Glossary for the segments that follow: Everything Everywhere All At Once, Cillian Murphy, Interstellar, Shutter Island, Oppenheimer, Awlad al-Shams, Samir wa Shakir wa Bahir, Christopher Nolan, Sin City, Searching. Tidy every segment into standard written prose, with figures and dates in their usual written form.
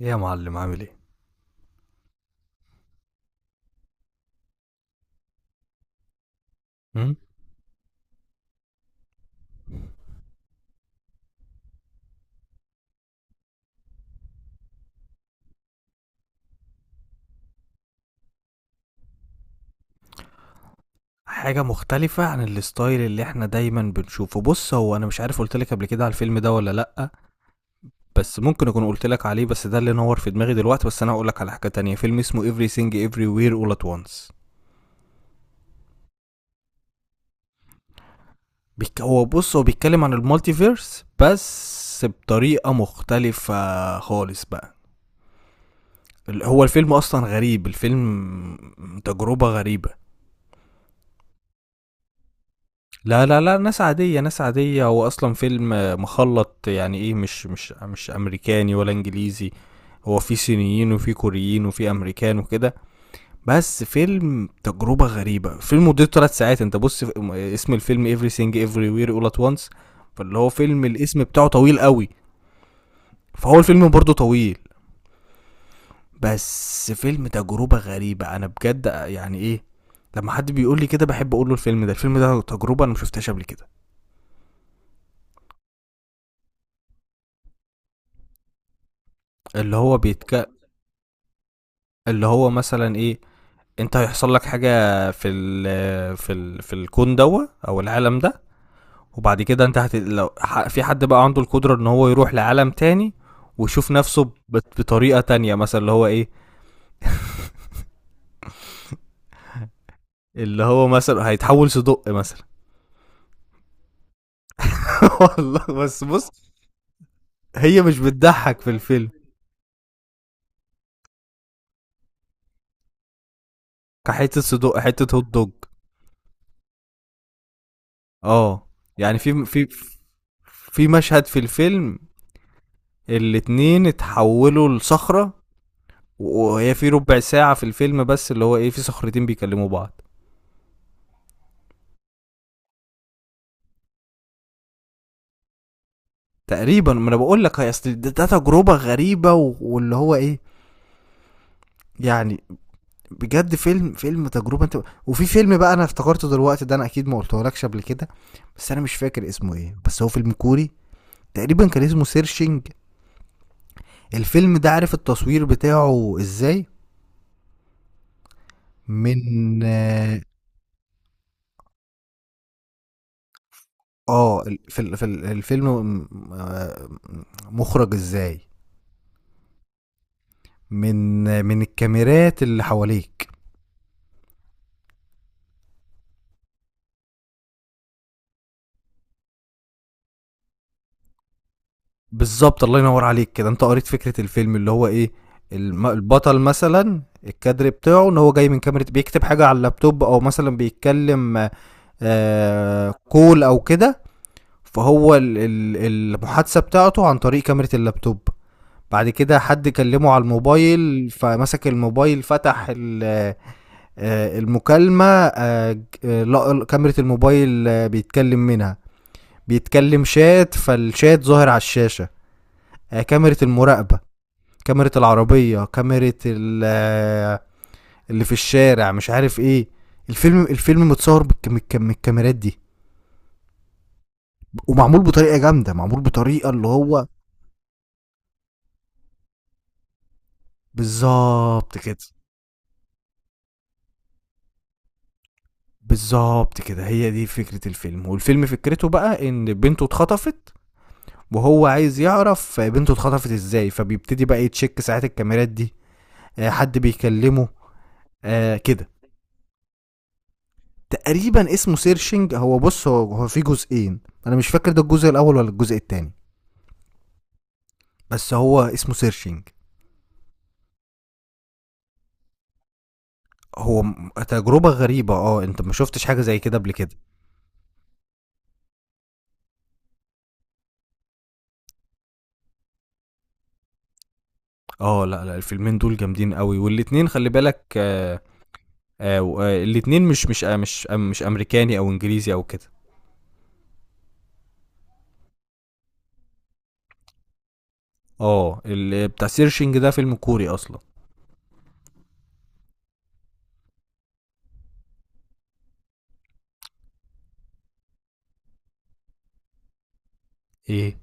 ايه يا معلم، عامل ايه؟ م؟ حاجة مختلفة عن الستايل اللي احنا دايما بنشوفه. بص، هو انا مش عارف قلتلك قبل كده على الفيلم ده ولا لأ. بس ممكن اكون قلتلك عليه، بس ده اللي نور في دماغي دلوقتي. بس انا هقولك على حاجة تانية، فيلم اسمه Everything Everywhere All At Once. بيك... هو بص، هو بيتكلم عن المالتيفيرس بس بطريقة مختلفة خالص بقى. هو الفيلم اصلا غريب، الفيلم تجربة غريبة. لا لا لا، ناس عادية، ناس عادية، هو أصلا فيلم مخلط، يعني إيه، مش أمريكاني ولا إنجليزي. هو في صينيين وفي كوريين وفي أمريكان وكده. بس فيلم تجربة غريبة، فيلم مدته 3 ساعات. أنت بص، اسم الفيلم Everything Everywhere All At Once. فاللي هو فيلم الاسم بتاعه طويل قوي، فهو الفيلم برضه طويل. بس فيلم تجربة غريبة، أنا بجد يعني إيه لما حد بيقول لي كده بحب أقول له الفيلم ده، الفيلم ده تجربة أنا مشوفتهاش قبل كده. اللي هو بيتك... اللي هو مثلا ايه. انت هيحصل لك حاجه في الكون دوت او العالم ده. وبعد كده انت في حد بقى عنده القدره ان هو يروح لعالم تاني، ويشوف نفسه بطريقه تانية. مثلا اللي هو ايه، اللي هو مثلا هيتحول صدق مثلا. والله، بس بص، هي مش بتضحك في الفيلم. كحته صدق، حته هوت دوج. اه، يعني في مشهد في الفيلم الاتنين اتحولوا لصخره، وهي في ربع ساعة في الفيلم بس، اللي هو ايه، في صخرتين بيكلموا بعض. تقريبا، ما انا بقول لك، هي اصل ده تجربة غريبة، واللي هو ايه يعني، بجد فيلم تجربة انت. وفي فيلم بقى انا افتكرته دلوقتي ده، انا اكيد ما قلتهولكش قبل كده، بس انا مش فاكر اسمه ايه، بس هو فيلم كوري. تقريبا كان اسمه سيرشنج. الفيلم ده عارف التصوير بتاعه ازاي؟ من... اه آه، ال- في ال- في ال- الفيلم م- آه، مخرج ازاي من الكاميرات اللي حواليك. بالظبط، الله ينور عليك، كده انت قريت فكره الفيلم. اللي هو ايه، البطل مثلا الكادر بتاعه ان هو جاي من كاميرا، بيكتب حاجه على اللابتوب او مثلا بيتكلم كول او كده. فهو ال- ال- المحادثه بتاعته عن طريق كاميرا اللابتوب. بعد كده حد كلمه على الموبايل، فمسك الموبايل، فتح المكالمه، لقى كاميرا الموبايل، بيتكلم منها. بيتكلم شات، فالشات ظاهر على الشاشة. كاميرا المراقبة، كاميرا العربية، كاميرا ال- آه، اللي في الشارع مش عارف ايه. الفيلم متصور بالكاميرات دي، ومعمول بطريقة جامدة، معمول بطريقة اللي هو... بالظبط كده، بالظبط كده، هي دي فكرة الفيلم. والفيلم فكرته بقى ان بنته اتخطفت، وهو عايز يعرف بنته اتخطفت ازاي، فبيبتدي بقى يتشك ساعات الكاميرات دي. حد بيكلمه، كده. تقريبا اسمه سيرشنج. هو بص، هو في جزئين، انا مش فاكر ده الجزء الاول ولا الجزء التاني. بس هو اسمه سيرشنج. هو تجربة غريبة، اه، انت ما شفتش حاجة زي كده قبل كده. اه، لا لا، الفيلمين دول جامدين قوي، والاتنين خلي بالك. الاتنين مش امريكاني او انجليزي او كده. اه، بتاع سيرشنج ده فيلم كوري اصلا. ايه؟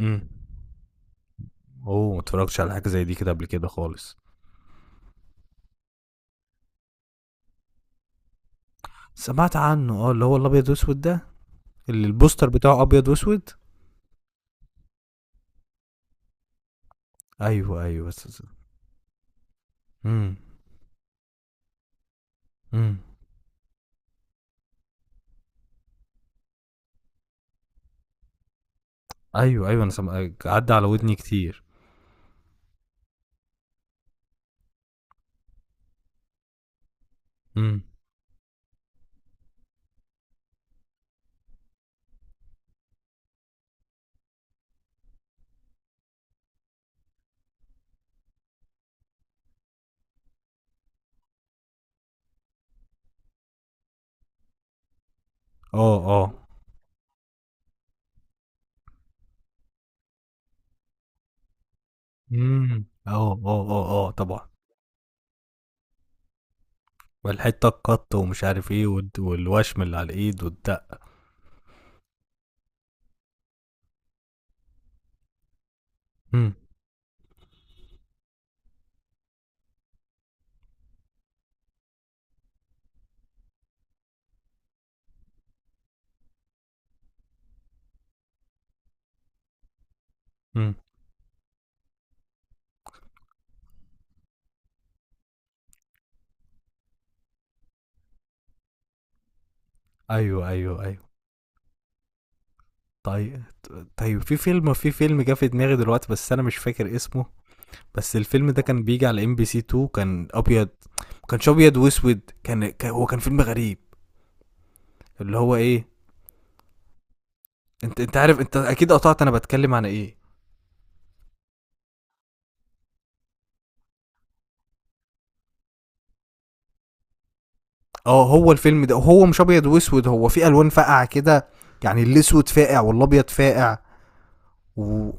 امم. اوه، ما اتفرجتش على حاجة زي دي كده قبل كده خالص. سمعت عنه، اه، اللي هو الابيض واسود ده، اللي البوستر بتاعه ابيض واسود. ايوه ايوه، بس. امم. امم. ايوه ايوه، انا عدى على ودني كتير. امم. اه اه. امم. اه اه اه اه، طبعا. والحته القط ومش عارف ايه، والوشم اللي على الايد والدقه. امم. امم. ايوه ايوه ايوه. طيب. طيب، في فيلم جه في دماغي دلوقتي بس انا مش فاكر اسمه. بس الفيلم ده كان بيجي على ام بي سي 2، كان ابيض. ما كانش ابيض واسود، هو كان فيلم غريب، اللي هو ايه، انت عارف، انت اكيد قطعت انا بتكلم عن ايه. اه، هو الفيلم ده هو مش ابيض واسود، هو في الوان فاقعه كده، يعني الاسود فاقع والابيض فاقع. واسمه...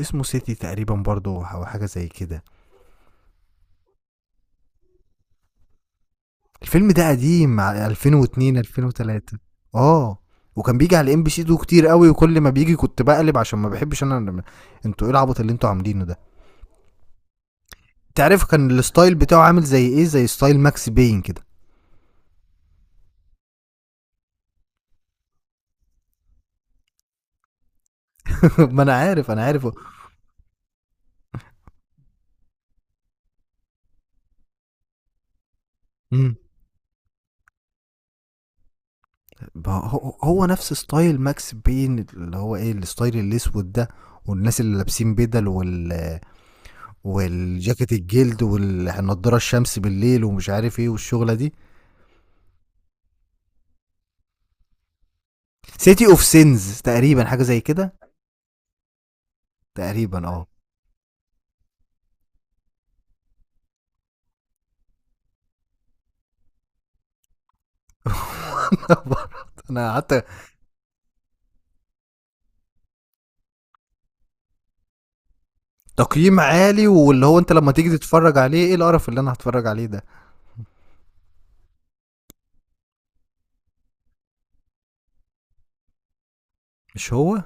اسمه سيتي تقريبا برضو او حاجه زي كده. الفيلم ده قديم، 2002 2003. اه، وكان بيجي على ام بي سي 2 كتير قوي، وكل ما بيجي كنت بقلب، عشان ما بحبش انا. انتوا ايه العبط اللي انتوا عاملينه ده! تعرف كان الستايل بتاعه عامل زي ايه؟ زي ستايل ماكس باين كده. ما انا عارف، انا عارف. مم. ما هو نفس ستايل ماكس بين، اللي هو ايه، الستايل الاسود ده، والناس اللي لابسين بدل وال والجاكيت الجلد والنضاره الشمس بالليل ومش عارف ايه والشغله دي. سيتي اوف سينز تقريبا، حاجه زي كده. تقريبا اه. انا قعدت. تقييم عالي، واللي هو، انت لما تيجي تتفرج عليه، ايه القرف اللي انا هتفرج عليه ده! مش هو.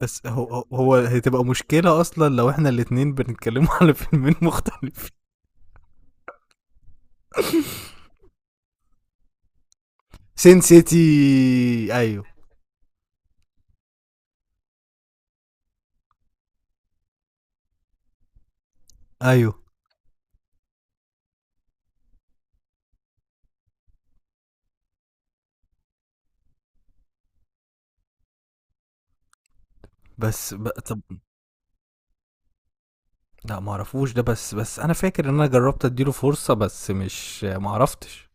بس هو هتبقى مشكله اصلا لو احنا الاتنين بنتكلموا على فيلمين مختلفين. سين سيتي. ايوه ايوه، بس طب، لا ما اعرفوش ده، بس انا فاكر ان انا جربت اديله فرصة، بس مش، ما عرفتش.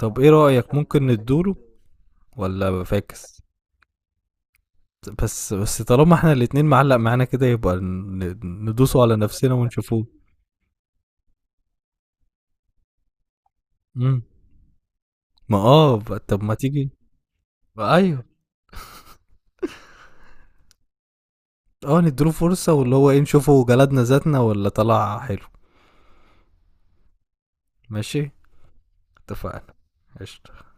طب ايه رأيك، ممكن ندوله ولا فاكس. بس طالما احنا الاتنين معلق معانا كده، يبقى ندوسه على نفسنا ونشوفوه. امم. ما اه، طب ما تيجي. ايوه. اه، نديله فرصة، واللي هو ايه، نشوفه جلدنا ذاتنا ولا طلع حلو. ماشي. اتفقنا. قشطة.